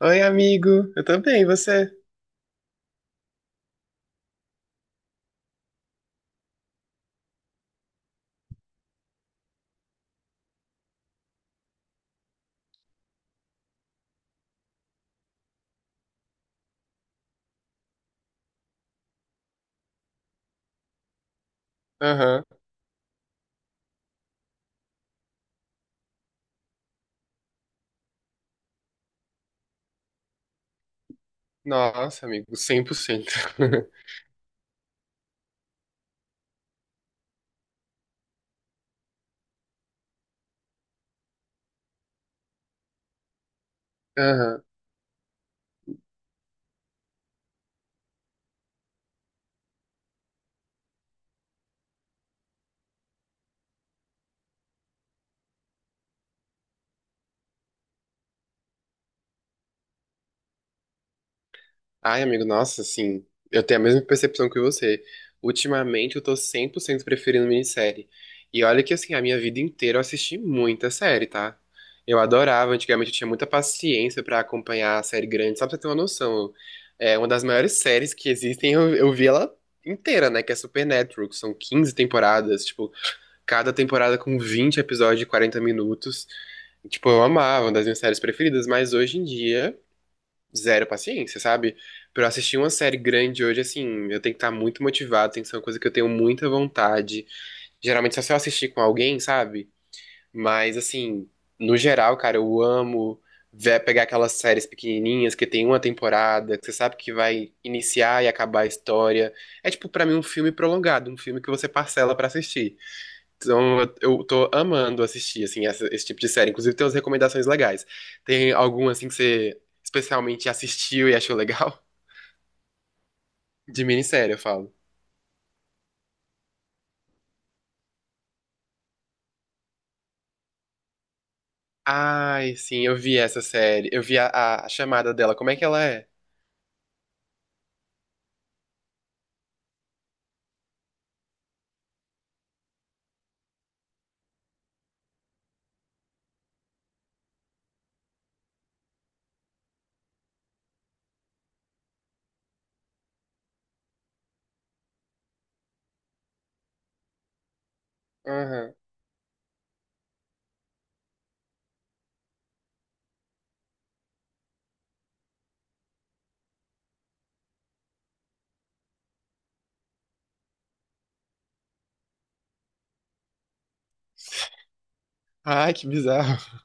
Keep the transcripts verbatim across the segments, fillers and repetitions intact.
Oi, amigo. Eu também, e você? Aham. Nossa, amigo, cem por cento. Aham. Ai, amigo, nossa, assim, eu tenho a mesma percepção que você. Ultimamente eu tô cem por cento preferindo minissérie. E olha que, assim, a minha vida inteira eu assisti muita série, tá? Eu adorava, antigamente eu tinha muita paciência pra acompanhar a série grande, só pra você ter uma noção. É uma das maiores séries que existem, eu, eu vi ela inteira, né? Que é Supernatural, que são quinze temporadas, tipo, cada temporada com vinte episódios de quarenta minutos. Tipo, eu amava, uma das minhas séries preferidas, mas hoje em dia, zero paciência, sabe? Pra eu assistir uma série grande hoje, assim, eu tenho que estar muito motivado, tem que ser uma coisa que eu tenho muita vontade. Geralmente só se eu assistir com alguém, sabe? Mas, assim, no geral, cara, eu amo ver, pegar aquelas séries pequenininhas que tem uma temporada, que você sabe que vai iniciar e acabar a história. É, tipo, pra mim, um filme prolongado, um filme que você parcela pra assistir. Então, eu eu tô amando assistir, assim, essa- esse tipo de série. Inclusive, tem umas recomendações legais. Tem algum, assim, que você especialmente assistiu e achou legal? De minissérie, eu falo. Ai, sim, eu vi essa série. Eu vi a, a chamada dela. Como é que ela é? Aham. Ai, que bizarro.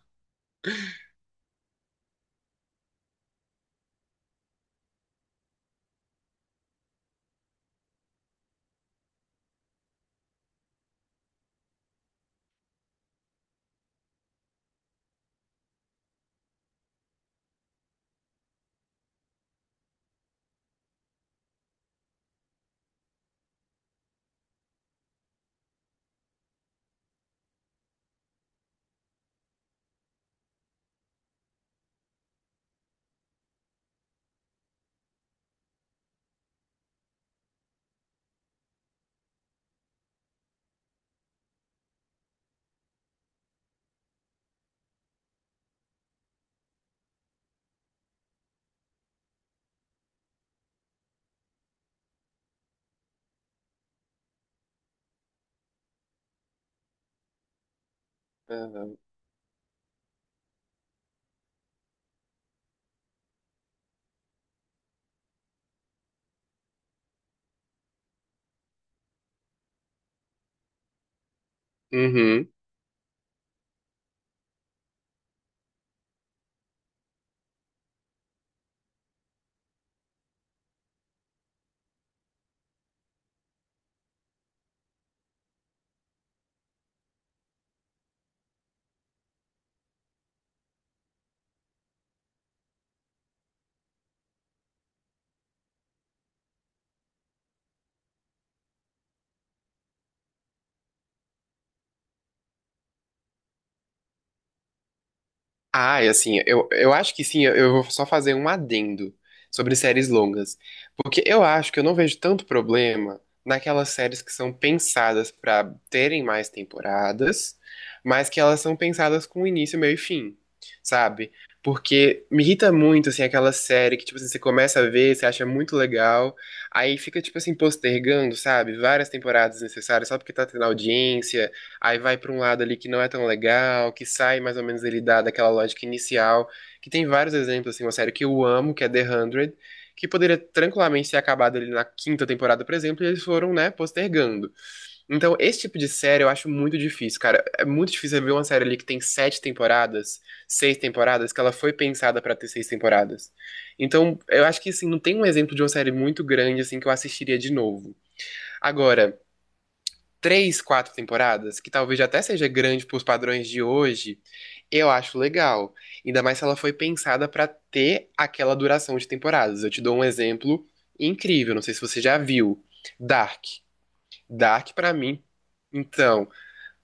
Aham. Uhum. Ah, e assim, eu, eu acho que sim, eu, eu vou só fazer um adendo sobre séries longas. Porque eu acho que eu não vejo tanto problema naquelas séries que são pensadas pra terem mais temporadas, mas que elas são pensadas com início, meio e fim, sabe? Porque me irrita muito, assim, aquela série que, tipo assim, você começa a ver, você acha muito legal, aí fica, tipo assim, postergando, sabe? Várias temporadas necessárias só porque tá tendo audiência. Aí vai pra um lado ali que não é tão legal, que sai mais ou menos ele dá daquela lógica inicial, que tem vários exemplos, assim, uma série que eu amo, que é The cem, que poderia tranquilamente ser acabado ali na quinta temporada, por exemplo, e eles foram, né, postergando. Então, esse tipo de série eu acho muito difícil, cara. É muito difícil ver uma série ali que tem sete temporadas, seis temporadas, que ela foi pensada pra ter seis temporadas. Então, eu acho que, assim, não tem um exemplo de uma série muito grande, assim, que eu assistiria de novo. Agora, três, quatro temporadas, que talvez até seja grande para os padrões de hoje, eu acho legal. Ainda mais se ela foi pensada para ter aquela duração de temporadas. Eu te dou um exemplo incrível, não sei se você já viu. Dark. Dark, para mim, então,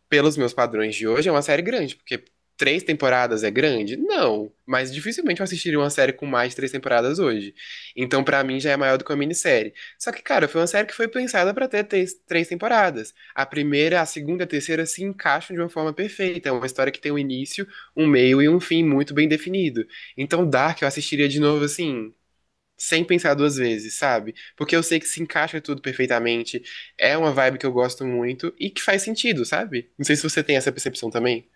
pelos meus padrões de hoje, é uma série grande, porque três temporadas é grande? Não, mas dificilmente eu assistiria uma série com mais de três temporadas hoje. Então, pra mim, já é maior do que uma minissérie. Só que, cara, foi uma série que foi pensada pra ter três, três temporadas. A primeira, a segunda e a terceira se encaixam de uma forma perfeita. É uma história que tem um início, um meio e um fim muito bem definido. Então, Dark eu assistiria de novo assim sem pensar duas vezes, sabe? Porque eu sei que se encaixa tudo perfeitamente, é uma vibe que eu gosto muito e que faz sentido, sabe? Não sei se você tem essa percepção também.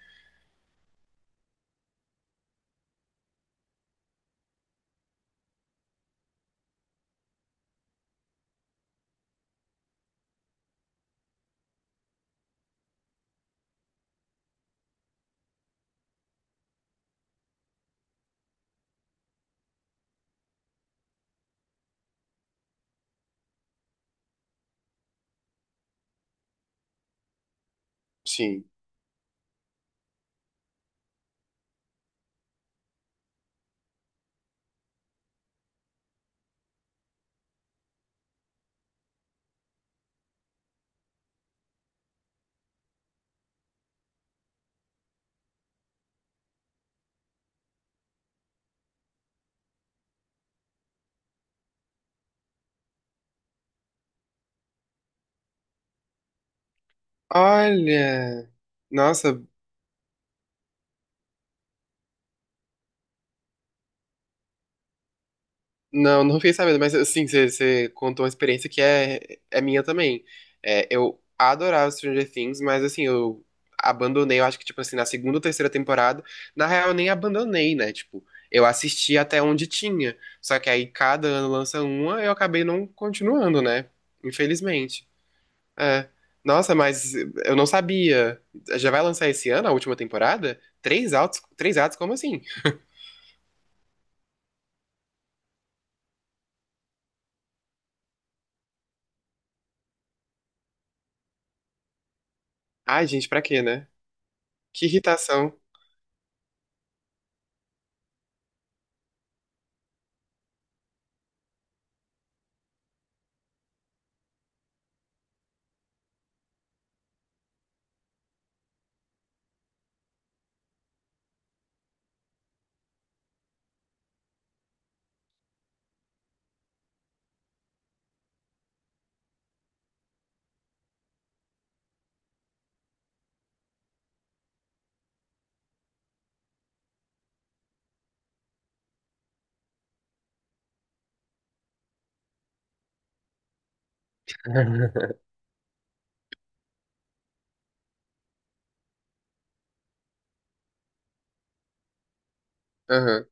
Sim. Olha, nossa, não, não fiquei sabendo, mas assim, você você contou uma experiência que é, é minha também. É, eu adorava Stranger Things, mas assim, eu abandonei, eu acho que, tipo assim, na segunda ou terceira temporada, na real, eu nem abandonei, né? Tipo, eu assisti até onde tinha. Só que aí cada ano lança uma, eu acabei não continuando, né? Infelizmente. É. Nossa, mas eu não sabia. Já vai lançar esse ano a última temporada? Três atos, três atos, como assim? Ai, gente, pra quê, né? Que irritação. Aham.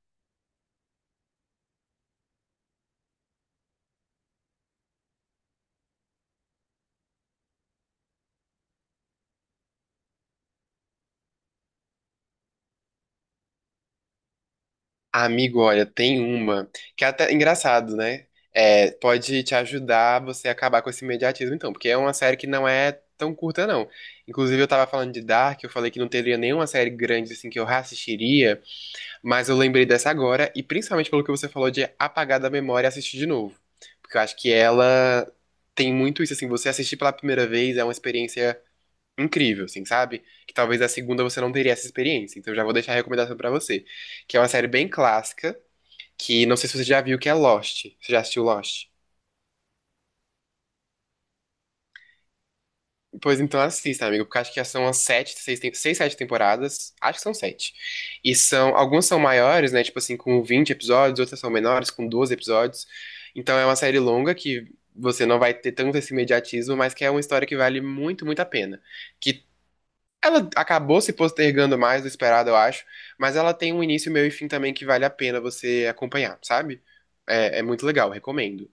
Amigo, olha, tem uma que é até engraçado, né? É, pode te ajudar você a acabar com esse imediatismo, então, porque é uma série que não é tão curta, não. Inclusive, eu tava falando de Dark, eu falei que não teria nenhuma série grande assim que eu reassistiria, mas eu lembrei dessa agora, e principalmente pelo que você falou de apagar da memória e assistir de novo. Porque eu acho que ela tem muito isso, assim, você assistir pela primeira vez é uma experiência incrível, assim, sabe? Que talvez a segunda você não teria essa experiência. Então, eu já vou deixar a recomendação pra você que é uma série bem clássica, que não sei se você já viu, que é Lost. Você já assistiu Lost? Pois então assista, amigo, porque acho que são as sete, seis, tem- seis, sete temporadas. Acho que são sete. E são, algumas são maiores, né? Tipo assim, com vinte episódios, outras são menores, com doze episódios. Então é uma série longa que você não vai ter tanto esse imediatismo, mas que é uma história que vale muito, muito a pena. Que ela acabou se postergando mais do esperado, eu acho, mas ela tem um início, meio e fim também que vale a pena você acompanhar, sabe? É, é muito legal, recomendo.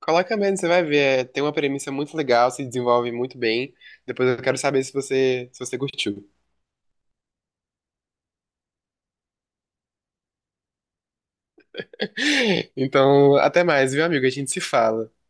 Coloca mesmo, você vai ver. É, tem uma premissa muito legal, se desenvolve muito bem. Depois eu quero saber se você, se você curtiu. Então, até mais, viu, amigo? A gente se fala.